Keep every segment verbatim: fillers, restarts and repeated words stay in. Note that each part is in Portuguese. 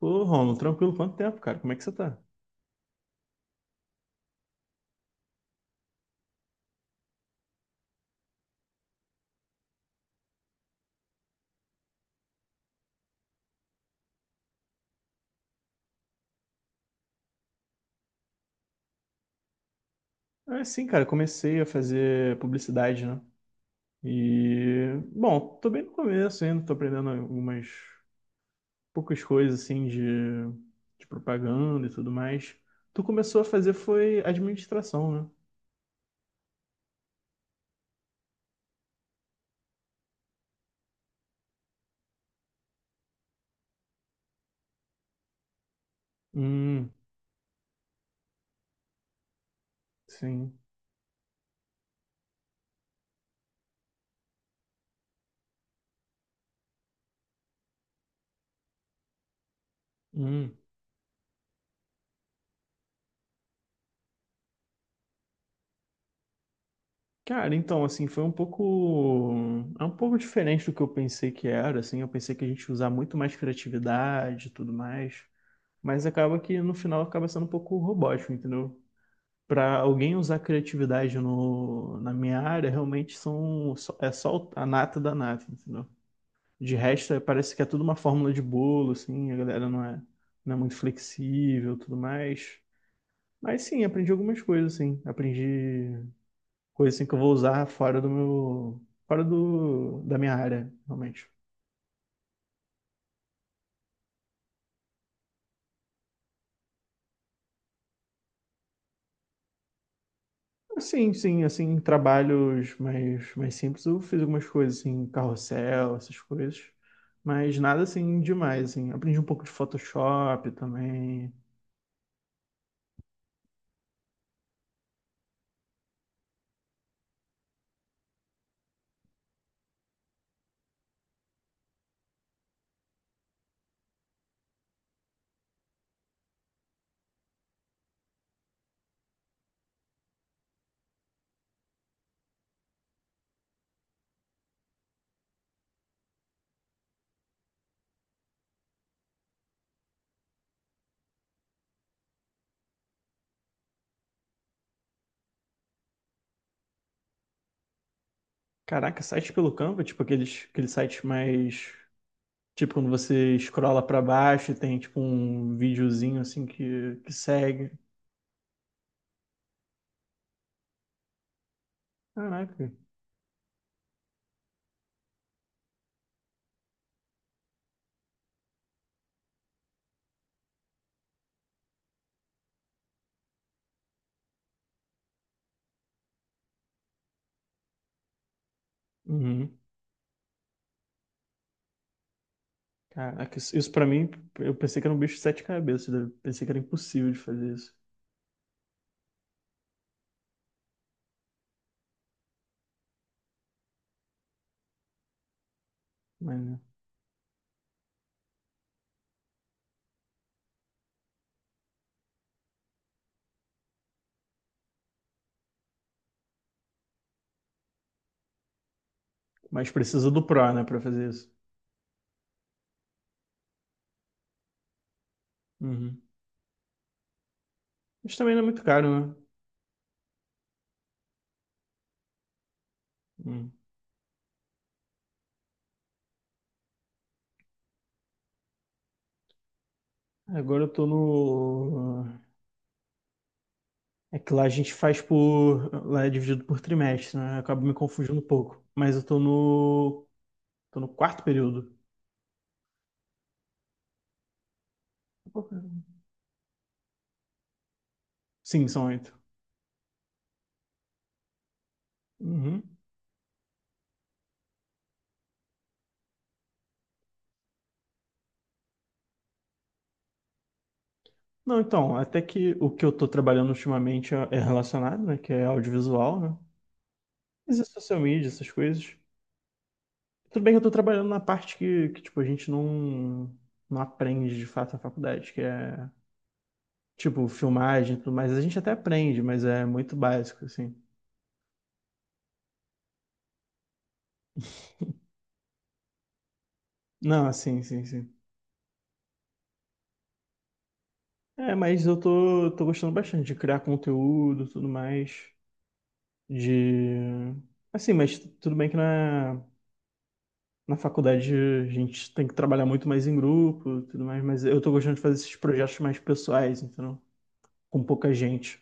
Ô, Romulo, tranquilo, quanto tempo, cara? Como é que você tá? É, sim, cara, comecei a fazer publicidade, né? E, bom, tô bem no começo ainda, tô aprendendo algumas poucas coisas, assim, de, de propaganda e tudo mais. Tu começou a fazer foi administração, né? Hum, sim. Hum. Cara, então, assim, foi um pouco. É um pouco diferente do que eu pensei que era, assim. Eu pensei que a gente ia usar muito mais criatividade e tudo mais. Mas acaba que no final acaba sendo um pouco robótico, entendeu? Para alguém usar criatividade no, na minha área, realmente são, só- é só a nata da nata, entendeu? De resto, é- parece que é tudo uma fórmula de bolo, assim, a galera não é, não é muito flexível, tudo mais. Mas sim, aprendi algumas coisas, assim. Aprendi coisas assim, que eu vou usar fora do meu, fora do, da minha área, realmente. Sim, sim, assim, em trabalhos mais, mais simples, eu fiz algumas coisas, assim, carrossel, essas coisas, mas nada, assim, demais, assim, aprendi um pouco de Photoshop também, caraca, site pelo Canva, tipo, aqueles, aqueles sites mais, tipo, quando você escrola pra baixo e tem, tipo, um videozinho, assim, que, que segue, caraca, uhum. Caraca, isso, isso pra mim, eu pensei que era um bicho de sete cabeças, né? Pensei que era impossível de fazer isso, mas, mas precisa do Pro, né, pra fazer isso. Uhum. Mas também não é muito caro, né? Hum. Agora eu tô no. É que lá a gente faz por. Lá é dividido por trimestre, né? Eu acabo me confundindo um pouco. Mas eu tô no. Tô no quarto período. Sim, são oito. Uhum. Não, então, até que o que eu tô trabalhando ultimamente é é relacionado, né? Que é audiovisual, né? Mas é social media, essas coisas. Tudo bem que eu tô trabalhando na parte que, que tipo, a gente não, não aprende de fato na faculdade, que é tipo, filmagem e tudo mais, a gente até aprende, mas é muito básico, assim. Não, sim, sim, sim. É, mas eu tô, tô gostando bastante de criar conteúdo, tudo mais, de... Assim, mas tudo bem que na, na faculdade a gente tem que trabalhar muito mais em grupo, tudo mais, mas eu tô gostando de fazer esses projetos mais pessoais, entendeu? Com pouca gente.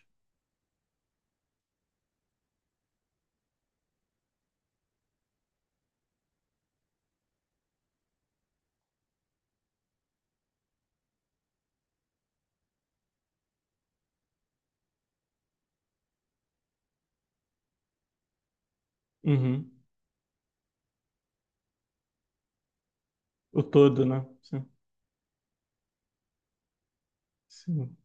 Uhum. O todo, né? Sim. Sim.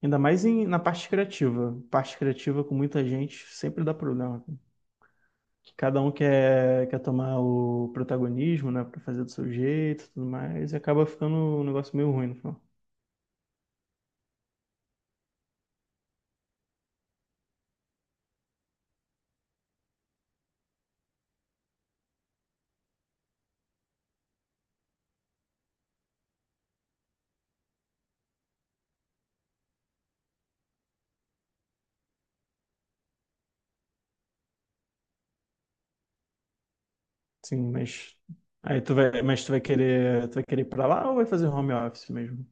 Ainda mais em, na parte criativa. Parte criativa com muita gente sempre dá problema. Que cada um quer, quer tomar o protagonismo, né, para fazer do seu jeito, e tudo mais, e acaba ficando um negócio meio ruim no final. Sim, mas aí tu vai, mas tu vai querer, tu vai querer ir para lá ou vai fazer home office mesmo?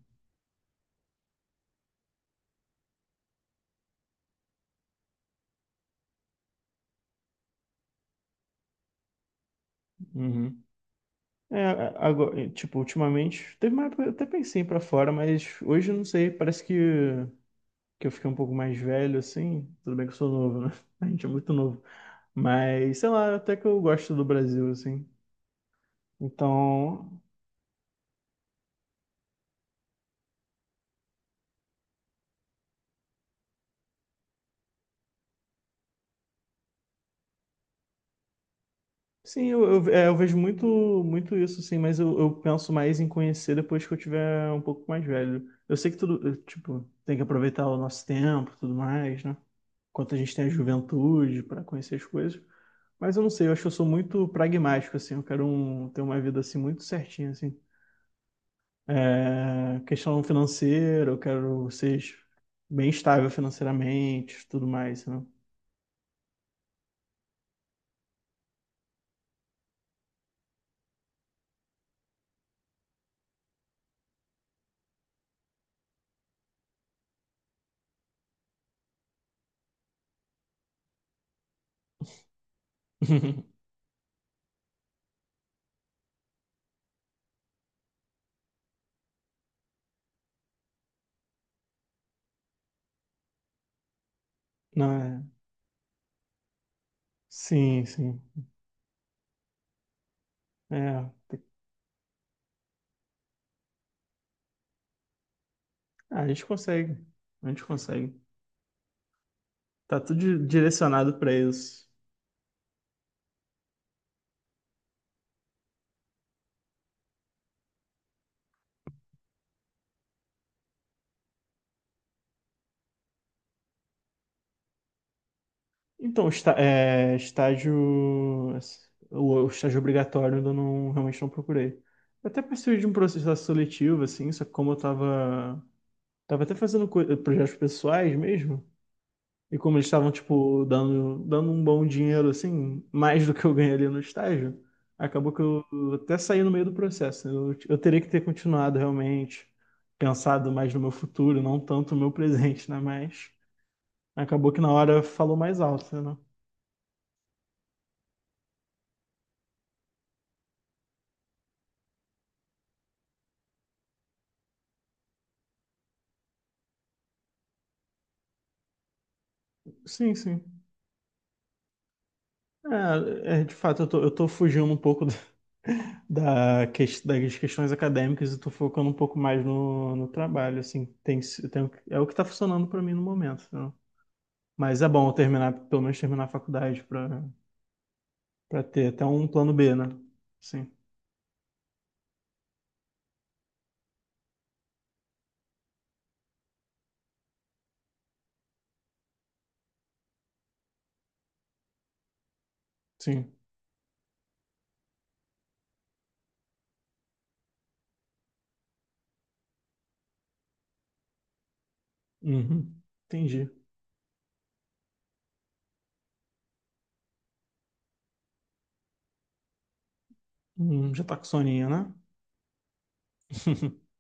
Uhum. É, a- agora, tipo, ultimamente, teve uma época, que eu até pensei em ir para fora, mas hoje eu não sei, parece que que eu fiquei um pouco mais velho assim, tudo bem que eu sou novo, né? A gente é muito novo, mas sei lá, até que eu gosto do Brasil assim. Então, sim, eu, eu, é, eu vejo muito, muito isso, sim, mas eu, eu penso mais em conhecer depois que eu tiver um pouco mais velho. Eu sei que tudo, eu, tipo, tem que aproveitar o nosso tempo, e tudo mais, né? Enquanto a gente tem a juventude para conhecer as coisas. Mas eu não sei, eu acho que eu sou muito pragmático, assim. Eu quero um- ter uma vida, assim, muito certinha, assim. É, questão financeira, eu quero ser bem estável financeiramente, tudo mais, né? Não é? Sim, sim. É. Ah, a gente consegue. A gente consegue. Tá tudo di- direcionado para isso. Então, está, é, estágio. O, o estágio obrigatório eu ainda não, realmente não procurei. Eu até participei de um processo seletivo, assim, só que como eu tava. Tava até fazendo co- projetos pessoais mesmo. E como eles estavam, tipo, dando, dando um bom dinheiro, assim, mais do que eu ganhei ali no estágio, acabou que eu até saí no meio do processo. Né? Eu, eu teria que ter continuado realmente, pensado mais no meu futuro, não tanto no meu presente, né? Mas acabou que na hora falou mais alto, né? Sim, sim. É, é, de fato, eu tô, eu tô fugindo um pouco da, da ques- das questões acadêmicas e tô focando um pouco mais no, no trabalho, assim. Tem, tem, é o que tá funcionando pra mim no momento, né? Mas é bom eu terminar, pelo menos terminar a faculdade para para ter até um plano B, né? Sim, sim. Uhum. Entendi. Hum, já tá com soninho, né?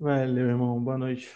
Valeu, irmão. Boa noite.